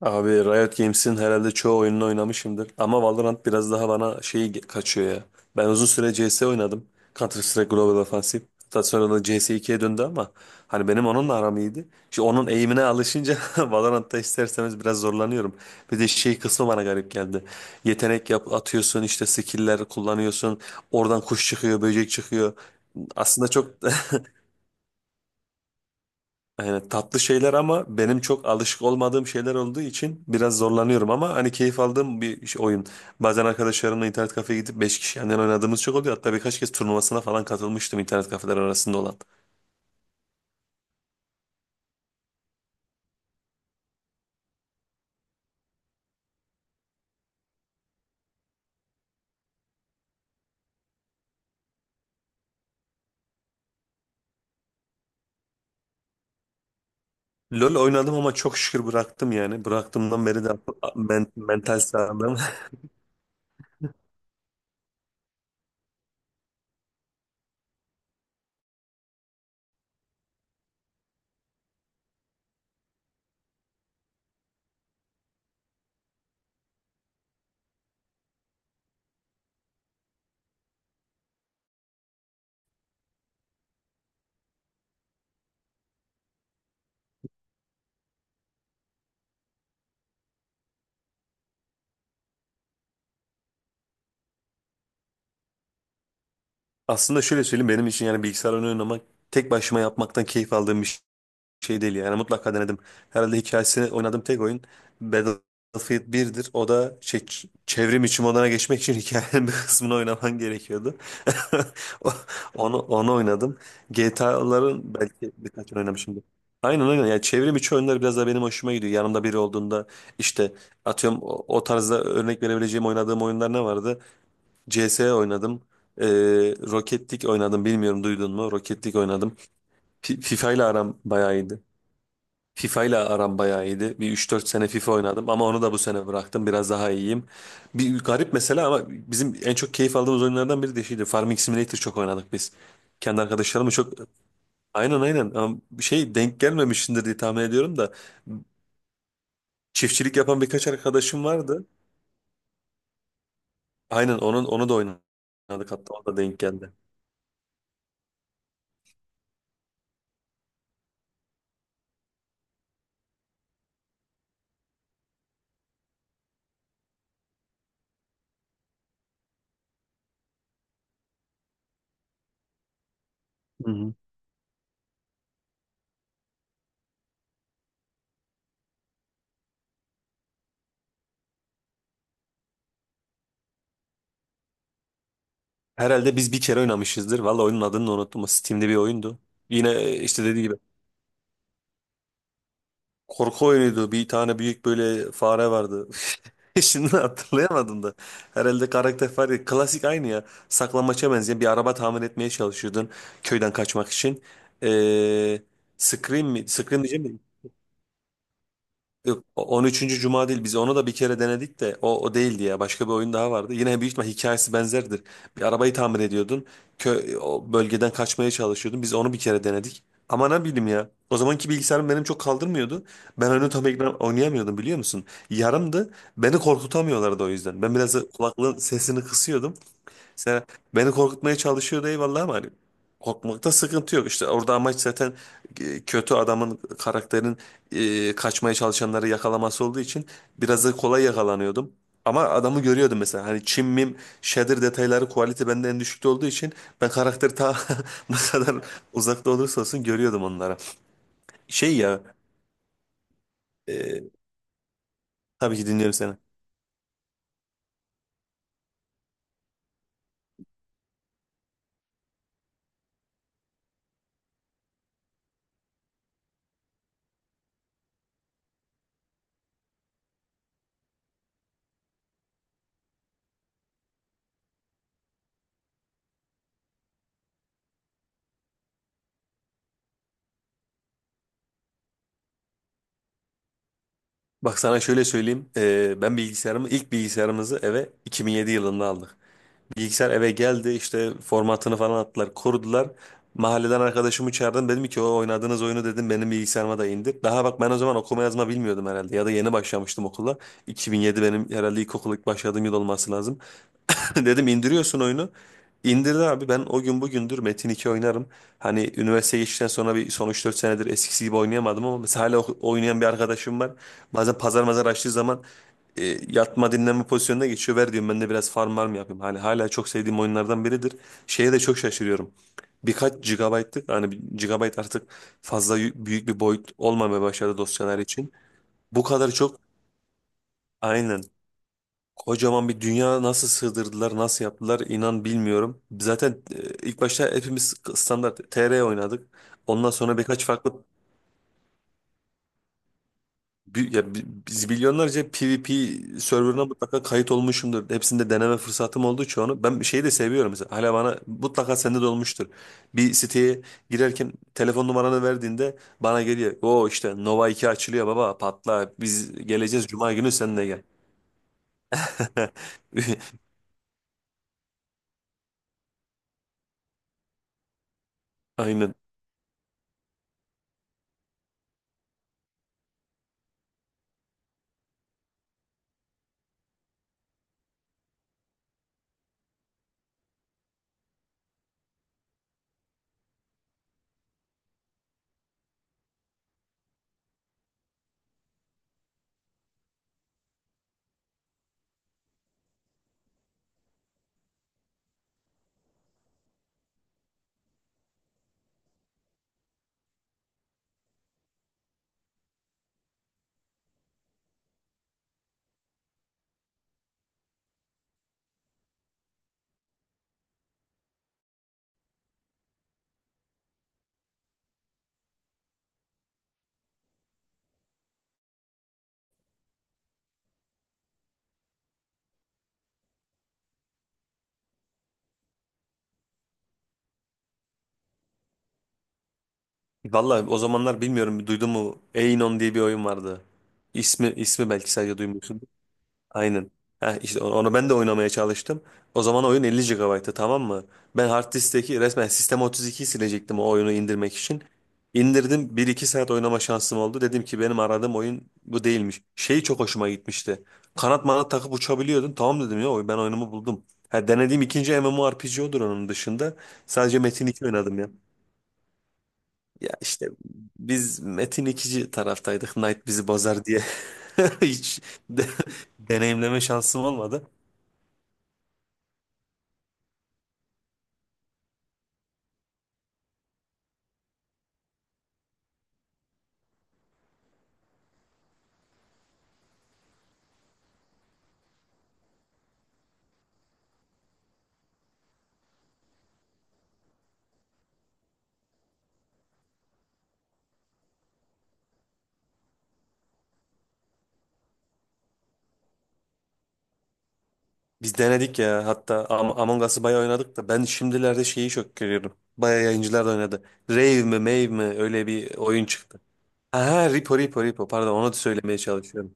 Abi Riot Games'in herhalde çoğu oyununu oynamışımdır. Ama Valorant biraz daha bana kaçıyor ya. Ben uzun süre CS oynadım. Counter Strike Global Offensive. Hatta sonra da CS2'ye döndü ama hani benim onunla aram iyiydi. Şimdi onun eğimine alışınca Valorant'ta isterseniz biraz zorlanıyorum. Bir de şey kısmı bana garip geldi. Yetenek atıyorsun işte skill'ler kullanıyorsun. Oradan kuş çıkıyor, böcek çıkıyor. Aslında çok yani tatlı şeyler ama benim çok alışık olmadığım şeyler olduğu için biraz zorlanıyorum ama hani keyif aldığım bir oyun. Bazen arkadaşlarımla internet kafeye gidip 5 kişi yandan oynadığımız çok oluyor. Hatta birkaç kez turnuvasına falan katılmıştım internet kafeler arasında olan. LoL oynadım ama çok şükür bıraktım yani. Bıraktığımdan beri de mental sağlığım. Aslında şöyle söyleyeyim, benim için yani bilgisayar oyunu oynamak tek başıma yapmaktan keyif aldığım bir şey. Şey değil yani, mutlaka denedim. Herhalde hikayesini oynadığım tek oyun Battlefield birdir. O da çevrim içi moduna geçmek için hikayenin bir kısmını oynaman gerekiyordu. O- onu oynadım. GTA'ların belki birkaç oynamışımdır. Aynen, aynen, yani çevrim içi oyunlar biraz da benim hoşuma gidiyor. Yanımda biri olduğunda işte atıyorum o tarzda örnek verebileceğim oynadığım oyunlar ne vardı? CS oynadım. Ee, Rocket League oynadım, bilmiyorum duydun mu? Rocket League oynadım. FIFA ile aram bayağı iyiydi. FIFA ile aram bayağı iyiydi. Bir üç dört sene FIFA oynadım ama onu da bu sene bıraktım. Biraz daha iyiyim. Bir garip mesela ama bizim en çok keyif aldığımız oyunlardan biri de şeydi. Farming Simulator çok oynadık biz. Kendi arkadaşlarımla çok, aynen, aynen, ama şey denk gelmemişsindir diye tahmin ediyorum da çiftçilik yapan birkaç arkadaşım vardı. Aynen onu da oynadık, hatta o da denk geldi. Hı hı. Herhalde biz bir kere oynamışızdır. Valla oyunun adını da unuttum. O Steam'de bir oyundu. Yine işte dediği gibi korku oyunuydu. Bir tane büyük böyle fare vardı. Şimdi hatırlayamadım da. Herhalde karakter fare. Klasik aynı ya. Saklambaça benzeyen bir araba tamir etmeye çalışıyordun. Köyden kaçmak için. Ee, Scream mi? Scream diyeceğim. Yok, 13. Cuma değil. Biz onu da bir kere denedik de o değildi ya. Başka bir oyun daha vardı. Yine büyük ihtimal hikayesi benzerdir. Bir arabayı tamir ediyordun. O bölgeden kaçmaya çalışıyordun. Biz onu bir kere denedik. Ama ne bileyim ya. O zamanki bilgisayarım benim çok kaldırmıyordu. Ben onu tam ekran oynayamıyordum, biliyor musun? Yarımdı. Beni korkutamıyorlardı o yüzden. Ben biraz da kulaklığın sesini kısıyordum. Mesela beni korkutmaya çalışıyordu, eyvallah, ama hani korkmakta sıkıntı yok. İşte orada amaç zaten kötü adamın, karakterin kaçmaya çalışanları yakalaması olduğu için biraz da kolay yakalanıyordum. Ama adamı görüyordum mesela. Hani çim mim shader detayları quality bende en düşükte olduğu için ben karakteri ta ne kadar uzakta olursa olsun görüyordum onlara. Şey ya e, tabii ki dinliyorum seni. Bak sana şöyle söyleyeyim. Ben ilk bilgisayarımızı eve 2007 yılında aldık. Bilgisayar eve geldi, işte formatını falan attılar, korudular. Mahalleden arkadaşımı çağırdım, dedim ki o oynadığınız oyunu dedim benim bilgisayarıma da indir. Daha bak ben o zaman okuma yazma bilmiyordum herhalde, ya da yeni başlamıştım okula. 2007 benim herhalde ilkokul ilk başladığım yıl olması lazım. Dedim indiriyorsun oyunu. İndirdi abi, ben o gün bugündür Metin 2 oynarım. Hani üniversiteye geçtikten sonra son üç dört senedir eskisi gibi oynayamadım ama mesela hala oynayan bir arkadaşım var. Bazen pazar mazar açtığı zaman yatma dinlenme pozisyonuna geçiyor. Ver diyorum ben de biraz farm var mı yapayım. Hani hala çok sevdiğim oyunlardan biridir. Şeye de çok şaşırıyorum. Birkaç gigabaytlık, hani 1 gigabayt artık fazla büyük bir boyut olmamaya başladı dosyalar için. Bu kadar çok, aynen, kocaman bir dünya nasıl sığdırdılar, nasıl yaptılar, inan bilmiyorum. Zaten ilk başta hepimiz standart TR oynadık. Ondan sonra birkaç farklı biz milyonlarca PvP serverına mutlaka kayıt olmuşumdur. Hepsinde deneme fırsatım oldu çoğunu. Ben şeyi de seviyorum mesela. Hala bana mutlaka sende de olmuştur. Bir siteye girerken telefon numaranı verdiğinde bana geliyor. O işte Nova 2 açılıyor, baba patla. Biz geleceğiz Cuma günü, sen de gel. Aynen. Valla o zamanlar bilmiyorum duydun mu? Einon diye bir oyun vardı. İsmi belki sadece duymuşsun. Aynen. Heh, işte onu ben de oynamaya çalıştım. O zaman oyun 50 GB'tı, tamam mı? Ben hard diskteki resmen Sistem 32'yi silecektim o oyunu indirmek için. İndirdim, bir iki saat oynama şansım oldu. Dedim ki benim aradığım oyun bu değilmiş. Şeyi çok hoşuma gitmişti. Kanat manat takıp uçabiliyordun. Tamam dedim ya, ben oyunumu buldum. Ha, denediğim ikinci MMORPG odur onun dışında. Sadece Metin 2 oynadım ya. Ya işte biz Metin ikinci taraftaydık. Knight bizi bozar diye hiç de- deneyimleme şansım olmadı. Biz denedik ya, hatta Among Us'ı bayağı oynadık da ben şimdilerde şeyi çok görüyorum. Bayağı yayıncılar da oynadı. Rave mi Mave mi öyle bir oyun çıktı. Ha, ha, Repo, Repo, Repo, pardon, onu da söylemeye çalışıyorum.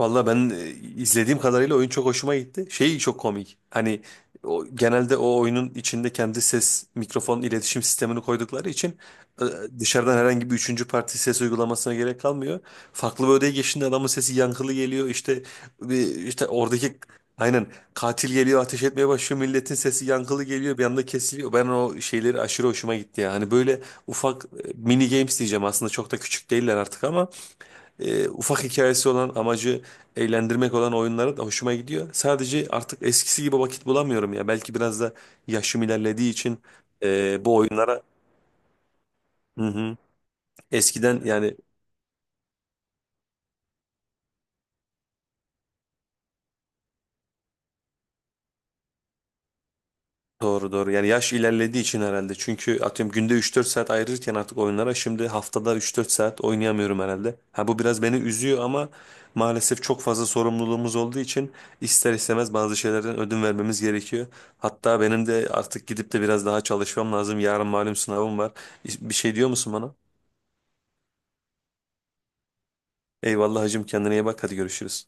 Valla ben izlediğim kadarıyla oyun çok hoşuma gitti. Şey çok komik. Hani genelde o oyunun içinde kendi ses mikrofon iletişim sistemini koydukları için e, dışarıdan herhangi bir üçüncü parti ses uygulamasına gerek kalmıyor. Farklı bir odaya geçtiğinde adamın sesi yankılı geliyor. İşte işte oradaki, aynen, katil geliyor ateş etmeye başlıyor. Milletin sesi yankılı geliyor, bir anda kesiliyor. Ben o şeyleri aşırı hoşuma gitti ya. Hani böyle ufak mini games diyeceğim, aslında çok da küçük değiller artık ama ufak hikayesi olan, amacı eğlendirmek olan oyunlara da hoşuma gidiyor. Sadece artık eskisi gibi vakit bulamıyorum ya. Belki biraz da yaşım ilerlediği için bu oyunlara. Hı hı. Eskiden yani, doğru doğru. Yani yaş ilerlediği için herhalde. Çünkü atıyorum günde üç dört saat ayırırken artık oyunlara şimdi haftada üç dört saat oynayamıyorum herhalde. Ha bu biraz beni üzüyor ama maalesef çok fazla sorumluluğumuz olduğu için ister istemez bazı şeylerden ödün vermemiz gerekiyor. Hatta benim de artık gidip de biraz daha çalışmam lazım. Yarın malum sınavım var. Bir şey diyor musun bana? Eyvallah hacım, kendine iyi bak, hadi görüşürüz.